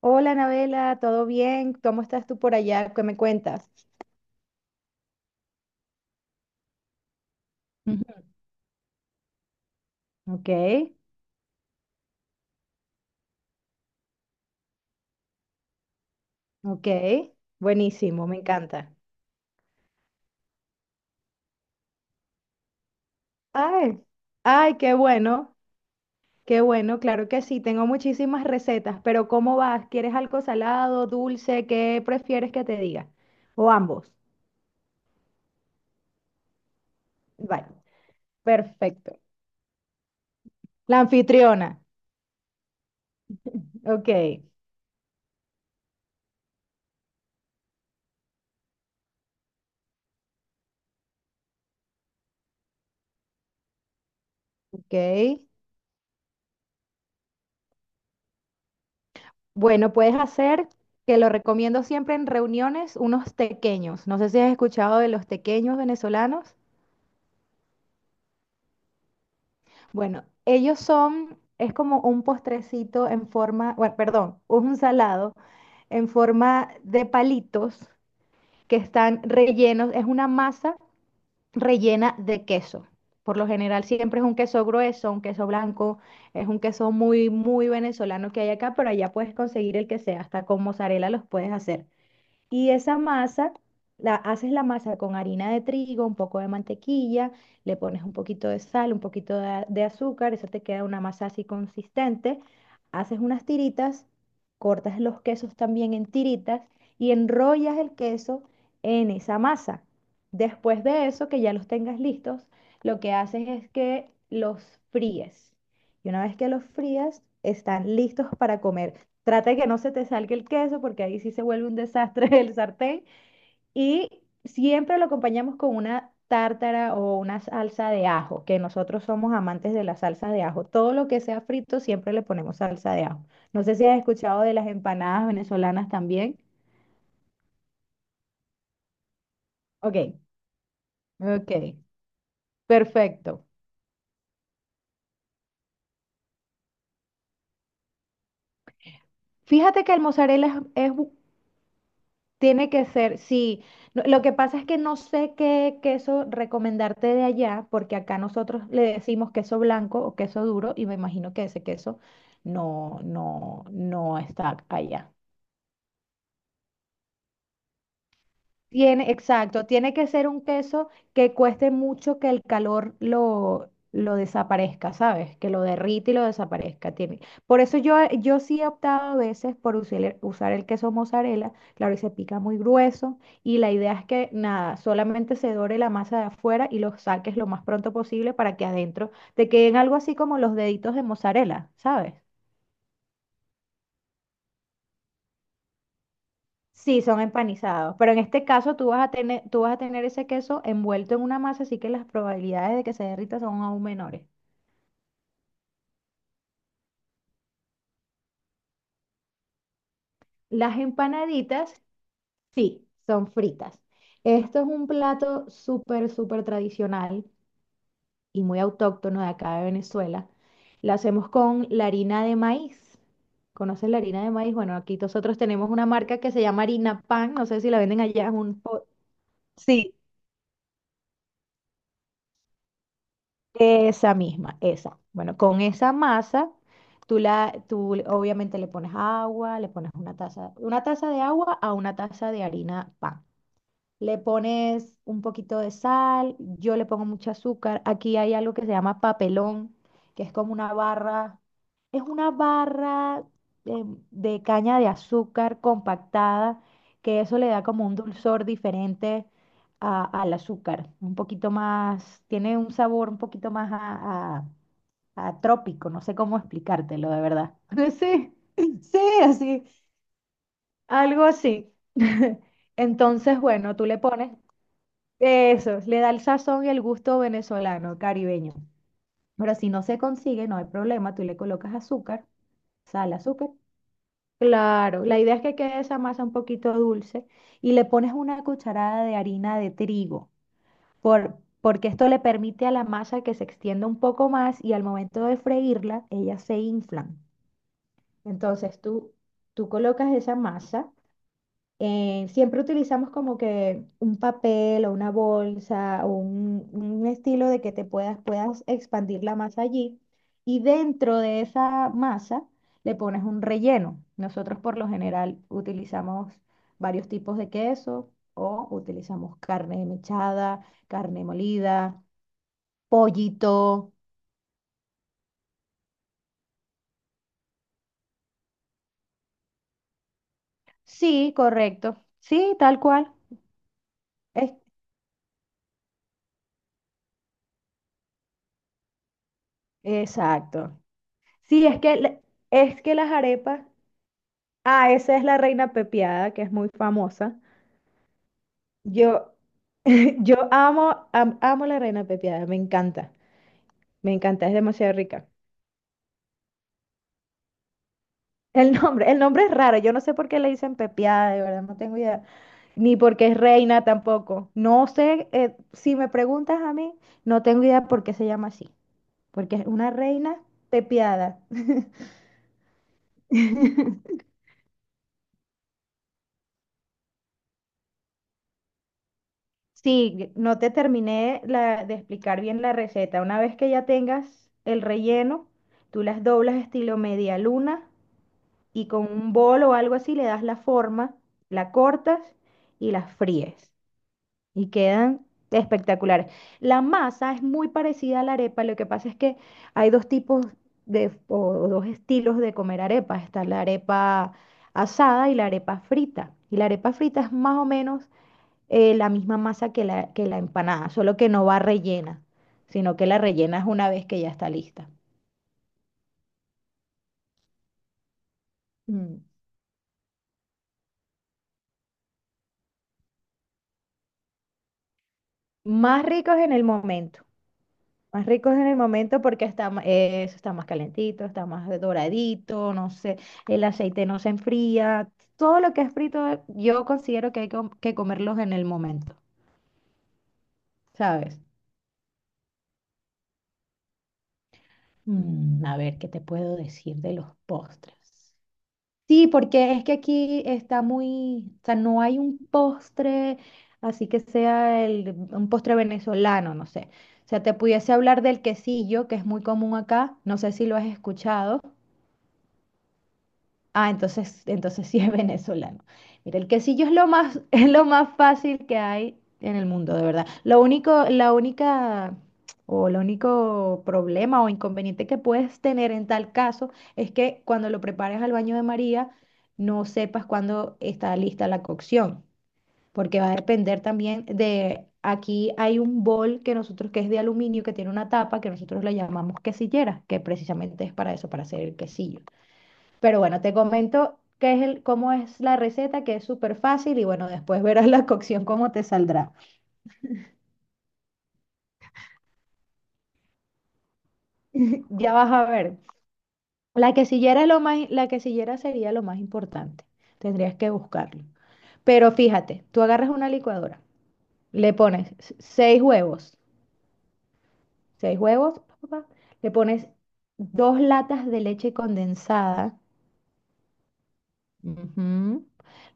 Hola, Anabela, ¿todo bien? ¿Cómo estás tú por allá? ¿Qué me cuentas? Ujú. Ok, ok, buenísimo, me encanta. Ay, ay, qué bueno, claro que sí, tengo muchísimas recetas, pero ¿cómo vas? ¿Quieres algo salado, dulce? ¿Qué prefieres que te diga? O ambos. Vale, perfecto. La anfitriona. Ok, ok. Bueno, puedes hacer, que lo recomiendo siempre en reuniones, unos tequeños. No sé si has escuchado de los tequeños venezolanos. Bueno, ellos son, es como un postrecito en forma, bueno, perdón, un salado en forma de palitos que están rellenos, es una masa rellena de queso. Por lo general siempre es un queso grueso, un queso blanco, es un queso muy, muy venezolano que hay acá, pero allá puedes conseguir el que sea, hasta con mozzarella los puedes hacer. Y esa masa, haces la masa con harina de trigo, un poco de mantequilla, le pones un poquito de sal, un poquito de, de azúcar, eso te queda una masa así consistente. Haces unas tiritas, cortas los quesos también en tiritas y enrollas el queso en esa masa. Después de eso, que ya los tengas listos, lo que haces es que los fríes. Y una vez que los frías, están listos para comer. Trata de que no se te salga el queso porque ahí sí se vuelve un desastre el sartén. Y siempre lo acompañamos con una tártara o una salsa de ajo, que nosotros somos amantes de la salsa de ajo. Todo lo que sea frito siempre le ponemos salsa de ajo. No sé si has escuchado de las empanadas venezolanas también. Ok, ok, perfecto. Fíjate que el mozzarella es. Tiene que ser, sí. No, lo que pasa es que no sé qué queso recomendarte de allá, porque acá nosotros le decimos queso blanco o queso duro, y me imagino que ese queso no está allá. Tiene, exacto, tiene que ser un queso que cueste mucho que el calor lo desaparezca, ¿sabes? Que lo derrite y lo desaparezca. Tiene. Por eso yo sí he optado a veces por usar usar el queso mozzarella, claro, y se pica muy grueso, y la idea es que nada, solamente se dore la masa de afuera y lo saques lo más pronto posible para que adentro te queden algo así como los deditos de mozzarella, ¿sabes? Sí, son empanizados, pero en este caso tú vas a tener ese queso envuelto en una masa, así que las probabilidades de que se derrita son aún menores. Las empanaditas, sí, son fritas. Esto es un plato súper, súper tradicional y muy autóctono de acá de Venezuela. Lo hacemos con la harina de maíz. ¿Conoces la harina de maíz? Bueno, aquí nosotros tenemos una marca que se llama Harina Pan, no sé si la venden allá. Sí. Esa misma, esa. Bueno, con esa masa, tú obviamente le pones agua, le pones una taza de agua a una taza de harina pan. Le pones un poquito de sal, yo le pongo mucho azúcar. Aquí hay algo que se llama papelón, que es como una barra, es una barra eh, de caña de azúcar compactada, que eso le da como un dulzor diferente al azúcar, un poquito más, tiene un sabor un poquito más a trópico, no sé cómo explicártelo de verdad. Sí, sí, así, algo así. Entonces, bueno, tú le pones eso, le da el sazón y el gusto venezolano, caribeño. Pero si no se consigue, no hay problema, tú le colocas azúcar, sal, azúcar. Claro, la idea es que quede esa masa un poquito dulce y le pones una cucharada de harina de trigo, porque esto le permite a la masa que se extienda un poco más y al momento de freírla, ellas se inflan. Entonces tú, Tú colocas esa masa siempre utilizamos como que un papel o una bolsa o un estilo de que te puedas expandir la masa allí y dentro de esa masa le pones un relleno. Nosotros por lo general utilizamos varios tipos de queso o utilizamos carne mechada, carne molida, pollito. Sí, correcto. Sí, tal cual. Es- exacto. Sí, es que, es que las arepas. Ah, esa es la reina pepiada, que es muy famosa. Yo, yo amo, amo la reina pepiada, me encanta, es demasiado rica. El nombre es raro, yo no sé por qué le dicen pepiada, de verdad, no tengo idea. Ni por qué es reina tampoco. No sé, si me preguntas a mí, no tengo idea por qué se llama así, porque es una reina pepiada. Sí, no te terminé de explicar bien la receta. Una vez que ya tengas el relleno, tú las doblas estilo media luna y con un bol o algo así le das la forma, la cortas y las fríes. Y quedan espectaculares. La masa es muy parecida a la arepa, lo que pasa es que hay dos tipos de, o dos estilos de comer arepa. Está la arepa asada y la arepa frita. Y la arepa frita es más o menos la misma masa que que la empanada, solo que no va rellena, sino que la rellenas una vez que ya está lista. Mm. Más ricos en el momento, más ricos en el momento porque está, eso está más calentito, está más doradito, no sé, el aceite no se enfría, todo lo que es frito yo considero que hay que comerlos en el momento, ¿sabes? Mm, a ver, ¿qué te puedo decir de los postres? Sí, porque es que aquí está muy, o sea, no hay un postre, así que sea un postre venezolano, no sé. O sea, te pudiese hablar del quesillo, que es muy común acá, no sé si lo has escuchado. Ah, entonces sí es venezolano. Mira, el quesillo es lo más, es lo más fácil que hay en el mundo, de verdad. Lo único, la única o el único problema o inconveniente que puedes tener en tal caso es que cuando lo prepares al baño de María no sepas cuándo está lista la cocción, porque va a depender también de, aquí hay un bol que nosotros que es de aluminio que tiene una tapa que nosotros le llamamos quesillera, que precisamente es para eso, para hacer el quesillo. Pero bueno, te comento qué es cómo es la receta, que es súper fácil y bueno, después verás la cocción cómo te saldrá. Ya vas a ver. La quesillera, es lo más, la quesillera sería lo más importante. Tendrías que buscarlo. Pero fíjate, tú agarras una licuadora, le pones seis huevos, pa, pa, pa, le pones dos latas de leche condensada, ujú,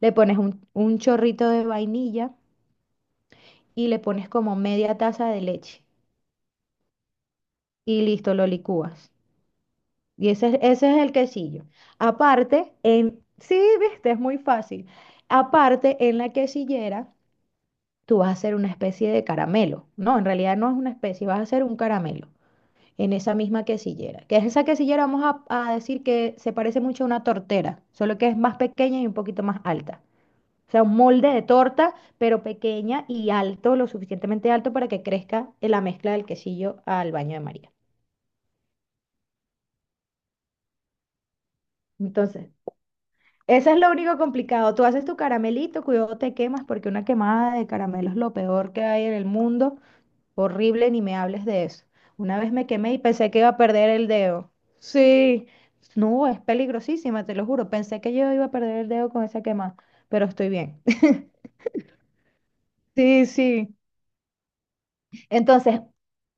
le pones un chorrito de vainilla y le pones como media taza de leche y listo, lo licúas. Y ese es el quesillo. Aparte, en, sí, viste, es muy fácil. Aparte, en la quesillera, tú vas a hacer una especie de caramelo. No, en realidad no es una especie, vas a hacer un caramelo en esa misma quesillera. Que es esa quesillera, vamos a decir que se parece mucho a una tortera, solo que es más pequeña y un poquito más alta. O sea, un molde de torta, pero pequeña y alto, lo suficientemente alto para que crezca en la mezcla del quesillo al baño de María. Entonces, eso es lo único complicado. Tú haces tu caramelito, cuidado te quemas, porque una quemada de caramelo es lo peor que hay en el mundo. Horrible, ni me hables de eso. Una vez me quemé y pensé que iba a perder el dedo. Sí, no, es peligrosísima, te lo juro. Pensé que yo iba a perder el dedo con esa quemada, pero estoy bien. Sí, sí. Entonces,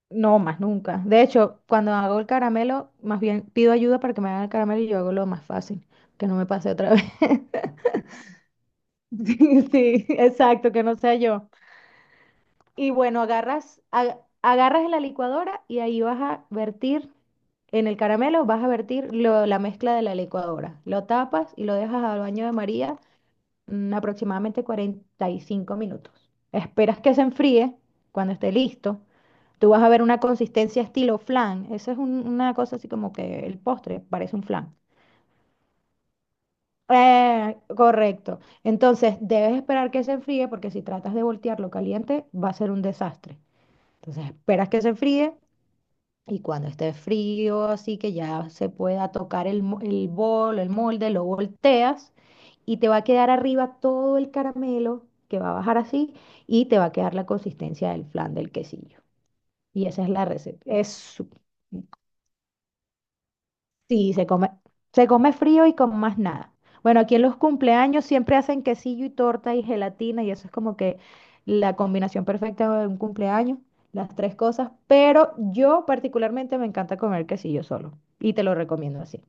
no más nunca. De hecho, cuando hago el caramelo, más bien pido ayuda para que me hagan el caramelo y yo hago lo más fácil, que no me pase otra vez. Sí, sí, exacto, que no sea yo. Y bueno, agarras en la licuadora y ahí vas a vertir, en el caramelo vas a vertir la mezcla de la licuadora. Lo tapas y lo dejas al baño de María aproximadamente 45 minutos. Esperas que se enfríe cuando esté listo. Tú vas a ver una consistencia estilo flan. Eso es una cosa así como que el postre parece un flan. Correcto. Entonces, debes esperar que se enfríe porque si tratas de voltearlo caliente, va a ser un desastre. Entonces esperas que se fríe y cuando esté frío, así que ya se pueda tocar el bol, el molde, lo volteas y te va a quedar arriba todo el caramelo que va a bajar así y te va a quedar la consistencia del flan del quesillo. Y esa es la receta. Es súper. Sí, se come frío y con más nada. Bueno, aquí en los cumpleaños siempre hacen quesillo y torta y gelatina y eso es como que la combinación perfecta de un cumpleaños, las tres cosas, pero yo particularmente me encanta comer quesillo solo y te lo recomiendo así.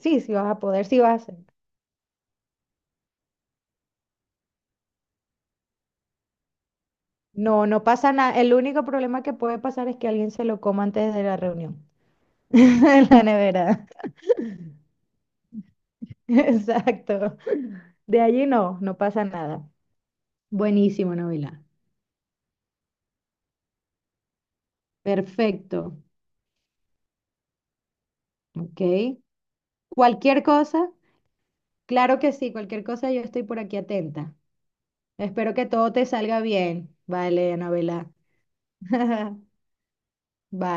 Sí, sí vas a poder, sí vas a hacer. No, no pasa nada. El único problema que puede pasar es que alguien se lo coma antes de la reunión, en la nevera. Exacto. De allí no, no pasa nada. Buenísimo, novela. Perfecto. Ok. Cualquier cosa, claro que sí, cualquier cosa yo estoy por aquí atenta. Espero que todo te salga bien. Vale, Anabela. Bye.